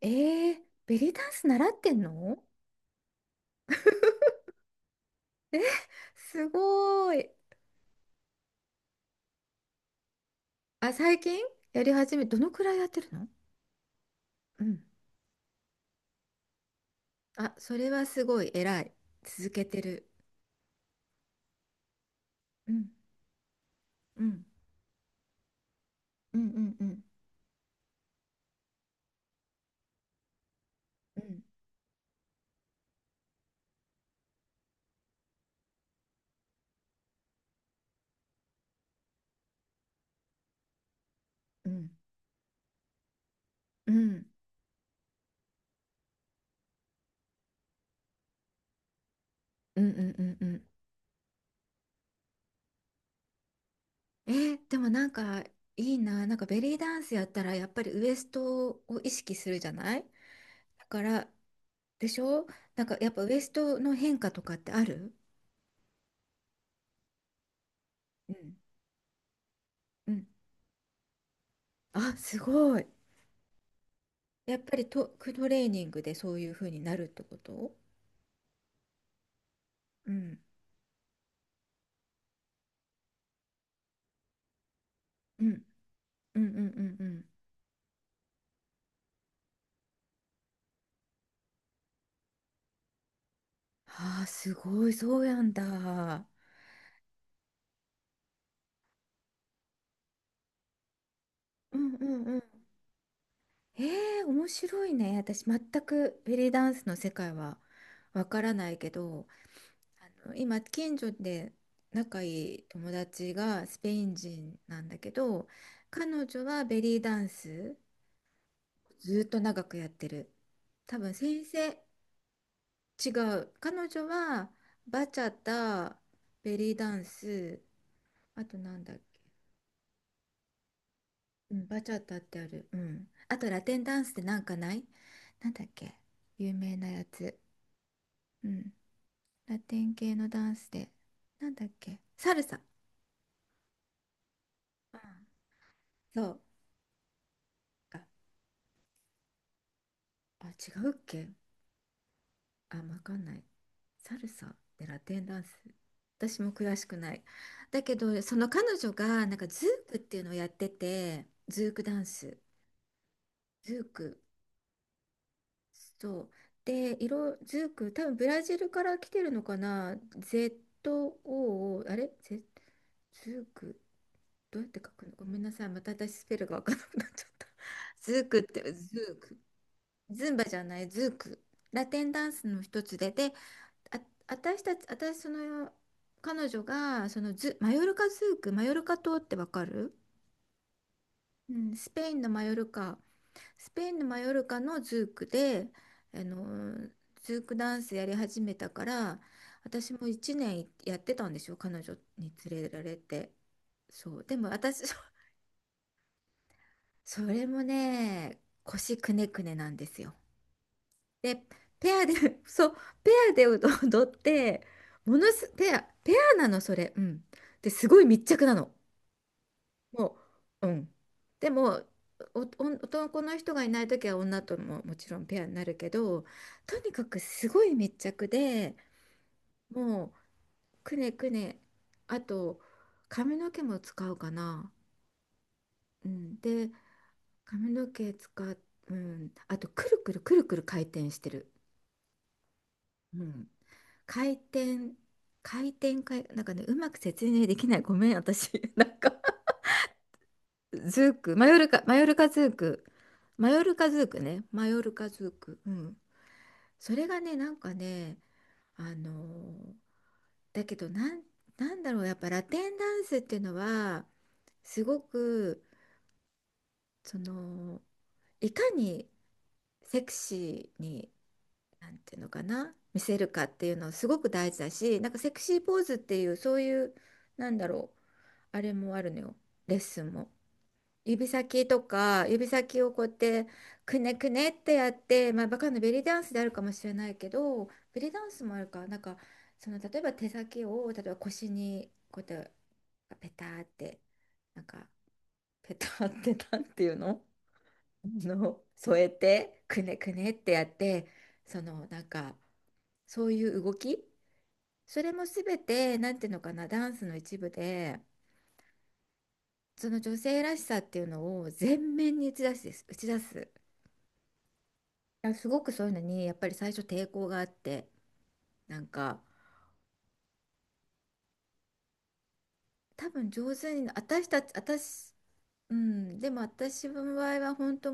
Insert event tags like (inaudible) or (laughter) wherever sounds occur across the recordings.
えー、ベリーダンス習ってんの？え、すごーい。あ、最近やり始め、どのくらいやってるの？うん。あ、それはすごい偉い。続けてる。うん、うん、うんうんうんうんうんうんうんうんうんうん。えー、でもなんかいいな。なんかベリーダンスやったらやっぱりウエストを意識するじゃない？だから、でしょ？なんかやっぱウエストの変化とかってある？うんうん。あ、すごい。やっぱりト、クトレーニングでそういう風になるってこと？うん。うん。うんうんうんうん。ああ、すごい、そうやんだ。うんうんうん。ええ、面白いね。私、全くベリーダンスの世界はわからないけど、今、近所で仲いい友達がスペイン人なんだけど、彼女はベリーダンスずっと長くやってる。多分先生、違う。彼女はバチャタ、ベリーダンス、あとなんだっけ。うん、バチャタってある。うん。あとラテンダンスってなんかない？なんだっけ。有名なやつ。うん。ラテン系のダンスで。なんだっけ。サルサ。うん、そう。あ、あ、違うっけ？あ、わかんない。サルサってラテンダンス。私も詳しくない。だけど、その彼女がなんかズークっていうのをやってて、ズークダンス。ズーク。そう。で、色、ズーク、多分ブラジルから来てるのかな？ ZOO、あれ？ Z、ズーク、どうやって書くの？ごめんなさい。また私スペルがわからなくなっちゃった。(laughs) ズークって、ズーク。ズンバじゃない、ズーク。ラテンダンスの一つで、あ、私たち、私、その、彼女が、そのズ、マヨルカズーク、マヨルカ島ってわかる？うん、スペインのマヨルカ。スペインのマヨルカのズークで、あのズークダンスやり始めたから、私も1年やってたんですよ、彼女に連れられて。そうでも私そ、 (laughs) それもね、腰くねくねなんですよ。で、ペアで、 (laughs) そう、ペアで踊って、ものすペアペアなのそれ。うん。ですごい密着なの、もう、うん。でも、お、お、男の人がいない時は女とももちろんペアになるけど、とにかくすごい密着で、もうくねくね、あと髪の毛も使うかな。うん、で、髪の毛使う、うん、あとくるくるくるくる回転してる。うん、回転、回転、回、なんかね、うまく説明できない。ごめん、私。(laughs) なんか、ズーク、マヨルカ、マヨルカズーク、マヨルカズークね、マヨルカズーク、うん。それがね、なんかね、あのーだけどなん、なんだろう、やっぱラテンダンスっていうのは、すごく、その、いかにセクシーに、なんていうのかな、見せるかっていうのすごく大事だし、なんかセクシーポーズっていう、そういう、なんだろう、あれもあるのよ、レッスンも。指先とか指先をこうやってくねくねってやって、まあ、バカのベリーダンスであるかもしれないけど、ベリーダンスもあるかなんか、その、例えば手先を例えば腰にこうやってペターってなんか、ペターってなんていうの、添えてくねくねってやって、そのなんか、そういう動き、それも全てなんていうのかな、ダンスの一部で、その女性らしさっていうのを全面に打ち出すです、打ち出す。や、すごくそういうのにやっぱり最初抵抗があって、なんか、多分上手に私たち、私、うん、でも私の場合は本当、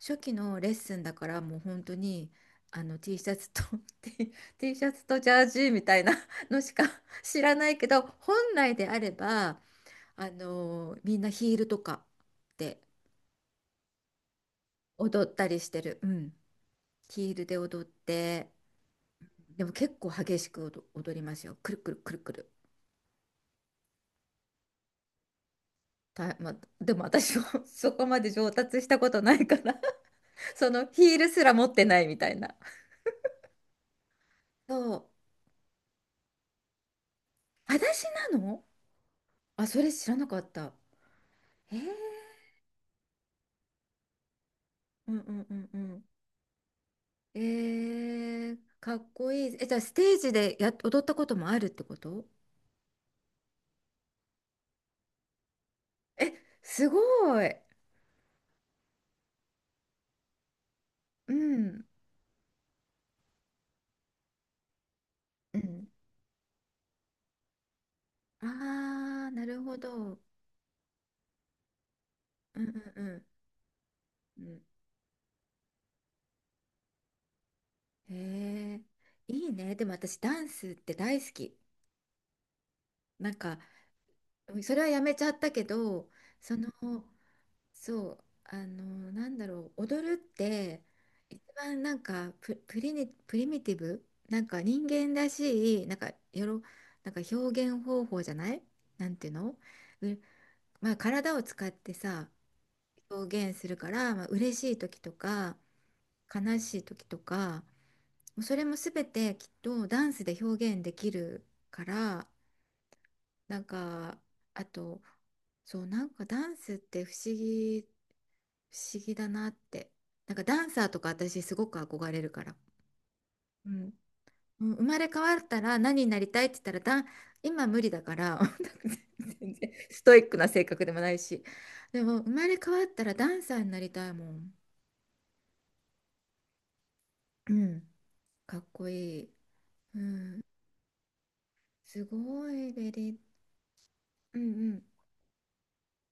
初期のレッスンだからもう本当にT シャツと (laughs) T、 T シャツとジャージみたいなのしか (laughs) 知らないけど、本来であればみんなヒールとかで踊ったりしてる、うん、ヒールで踊って。でも結構激しく踊、踊りますよ、くるくるくるくる。た、(laughs) まあ、でも私も (laughs) そこまで上達したことないから、 (laughs) そのヒールすら持ってないみたいな。そう。裸足なの？あ、それ知らなかった。えー、うんうんうんうん。えー、かっこいい。え、じゃあステージでや、踊ったこともあるってこと？え、すごい。うん。うん。ああ、なるほど。うんうんうん。うん。へえ、いいね。でも私ダンスって大好き。なんか、それはやめちゃったけど、その、そう、なんだろう、踊るって一番なんか、プ、プリニ、プリミティブ、なんか人間らしい、なんかよろ、なんか表現方法じゃない？なんていうの、う、まあ、体を使ってさ、表現するから、まあ嬉しい時とか悲しい時とか、もうそれも全てきっとダンスで表現できるから。なんか、あと、そう、なんかダンスって不思議、不思議だなって。なんかダンサーとか私すごく憧れるから。うん。うん、生まれ変わったら何になりたいって言ったらダン、今無理だから (laughs) 全然ストイックな性格でもないし。でも生まれ変わったらダンサーになりたいもん。うん。かっこいい。すごいベリー。うん、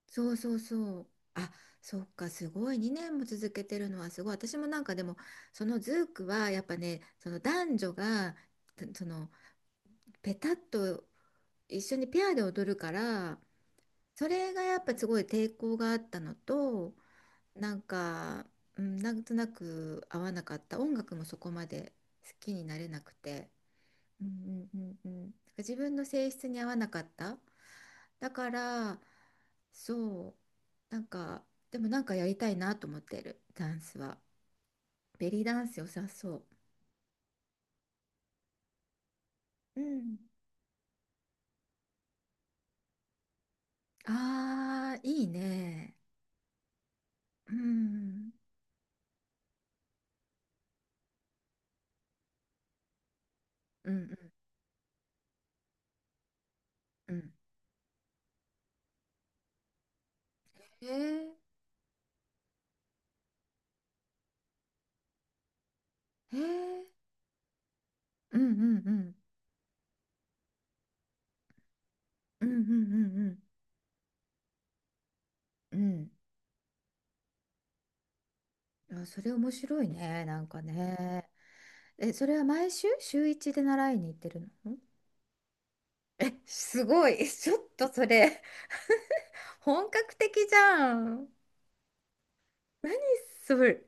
そうそうそう。あ、そっか、すごい。2年も続けてるのはすごい。私もなんかでも、そのズークはやっぱね、その男女が、たその、ペタッと一緒にペアで踊るから、それがやっぱすごい抵抗があったのと、なんか、うん、なんとなく合わなかった。音楽もそこまで好きになれなくて。うんうんうんうん、自分の性質に合わなかった。だから、そう、なんか、でもなんかやりたいなと思ってるダンスはベリーダンス良さそう、うん、ああいいね、うん、うんうんうんへえへえうんうんうんうんうんうんうんうん。あ、それ面白いね、なんかね。え、それは毎週週一で習いに行ってるの？え、すごい。え、ちょっとそれ (laughs) 本格的じゃん。何それ。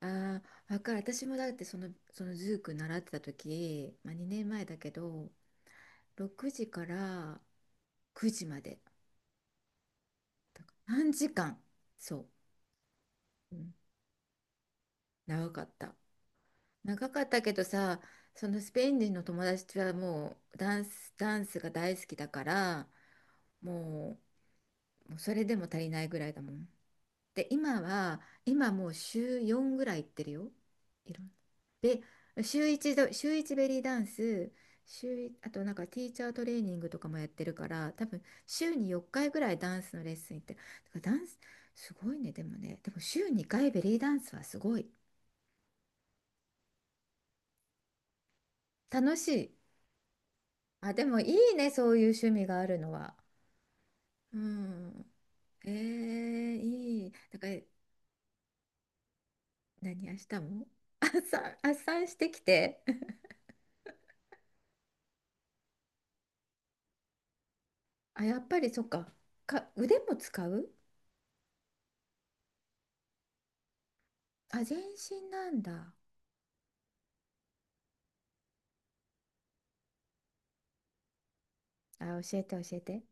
ああ、わかる。私もだって、その、そのズーク習ってた時、まあ、2年前だけど、6時から9時まで。3時間。そう。うん、長かった。長かったけどさ、そのスペイン人の友達はもうダンス、ダンスが大好きだから、もう、もうそれでも足りないぐらいだもん。で、今は、今もう週4ぐらい行ってるよ。いろんで、週1ど、週1ベリーダンス、週い、あとなんかティーチャートレーニングとかもやってるから、多分週に4回ぐらいダンスのレッスン行ってる。だからダンス、すごいね、でもね、でも週2回ベリーダンスはすごい。楽しい。あ、でもいいね、そういう趣味があるのは。うん。えー、いい。だから、何、明日も (laughs) 朝、朝してきて。あ、やっぱりそっか。か、腕も使う？あ、全身なんだ。あ、教えて教えて。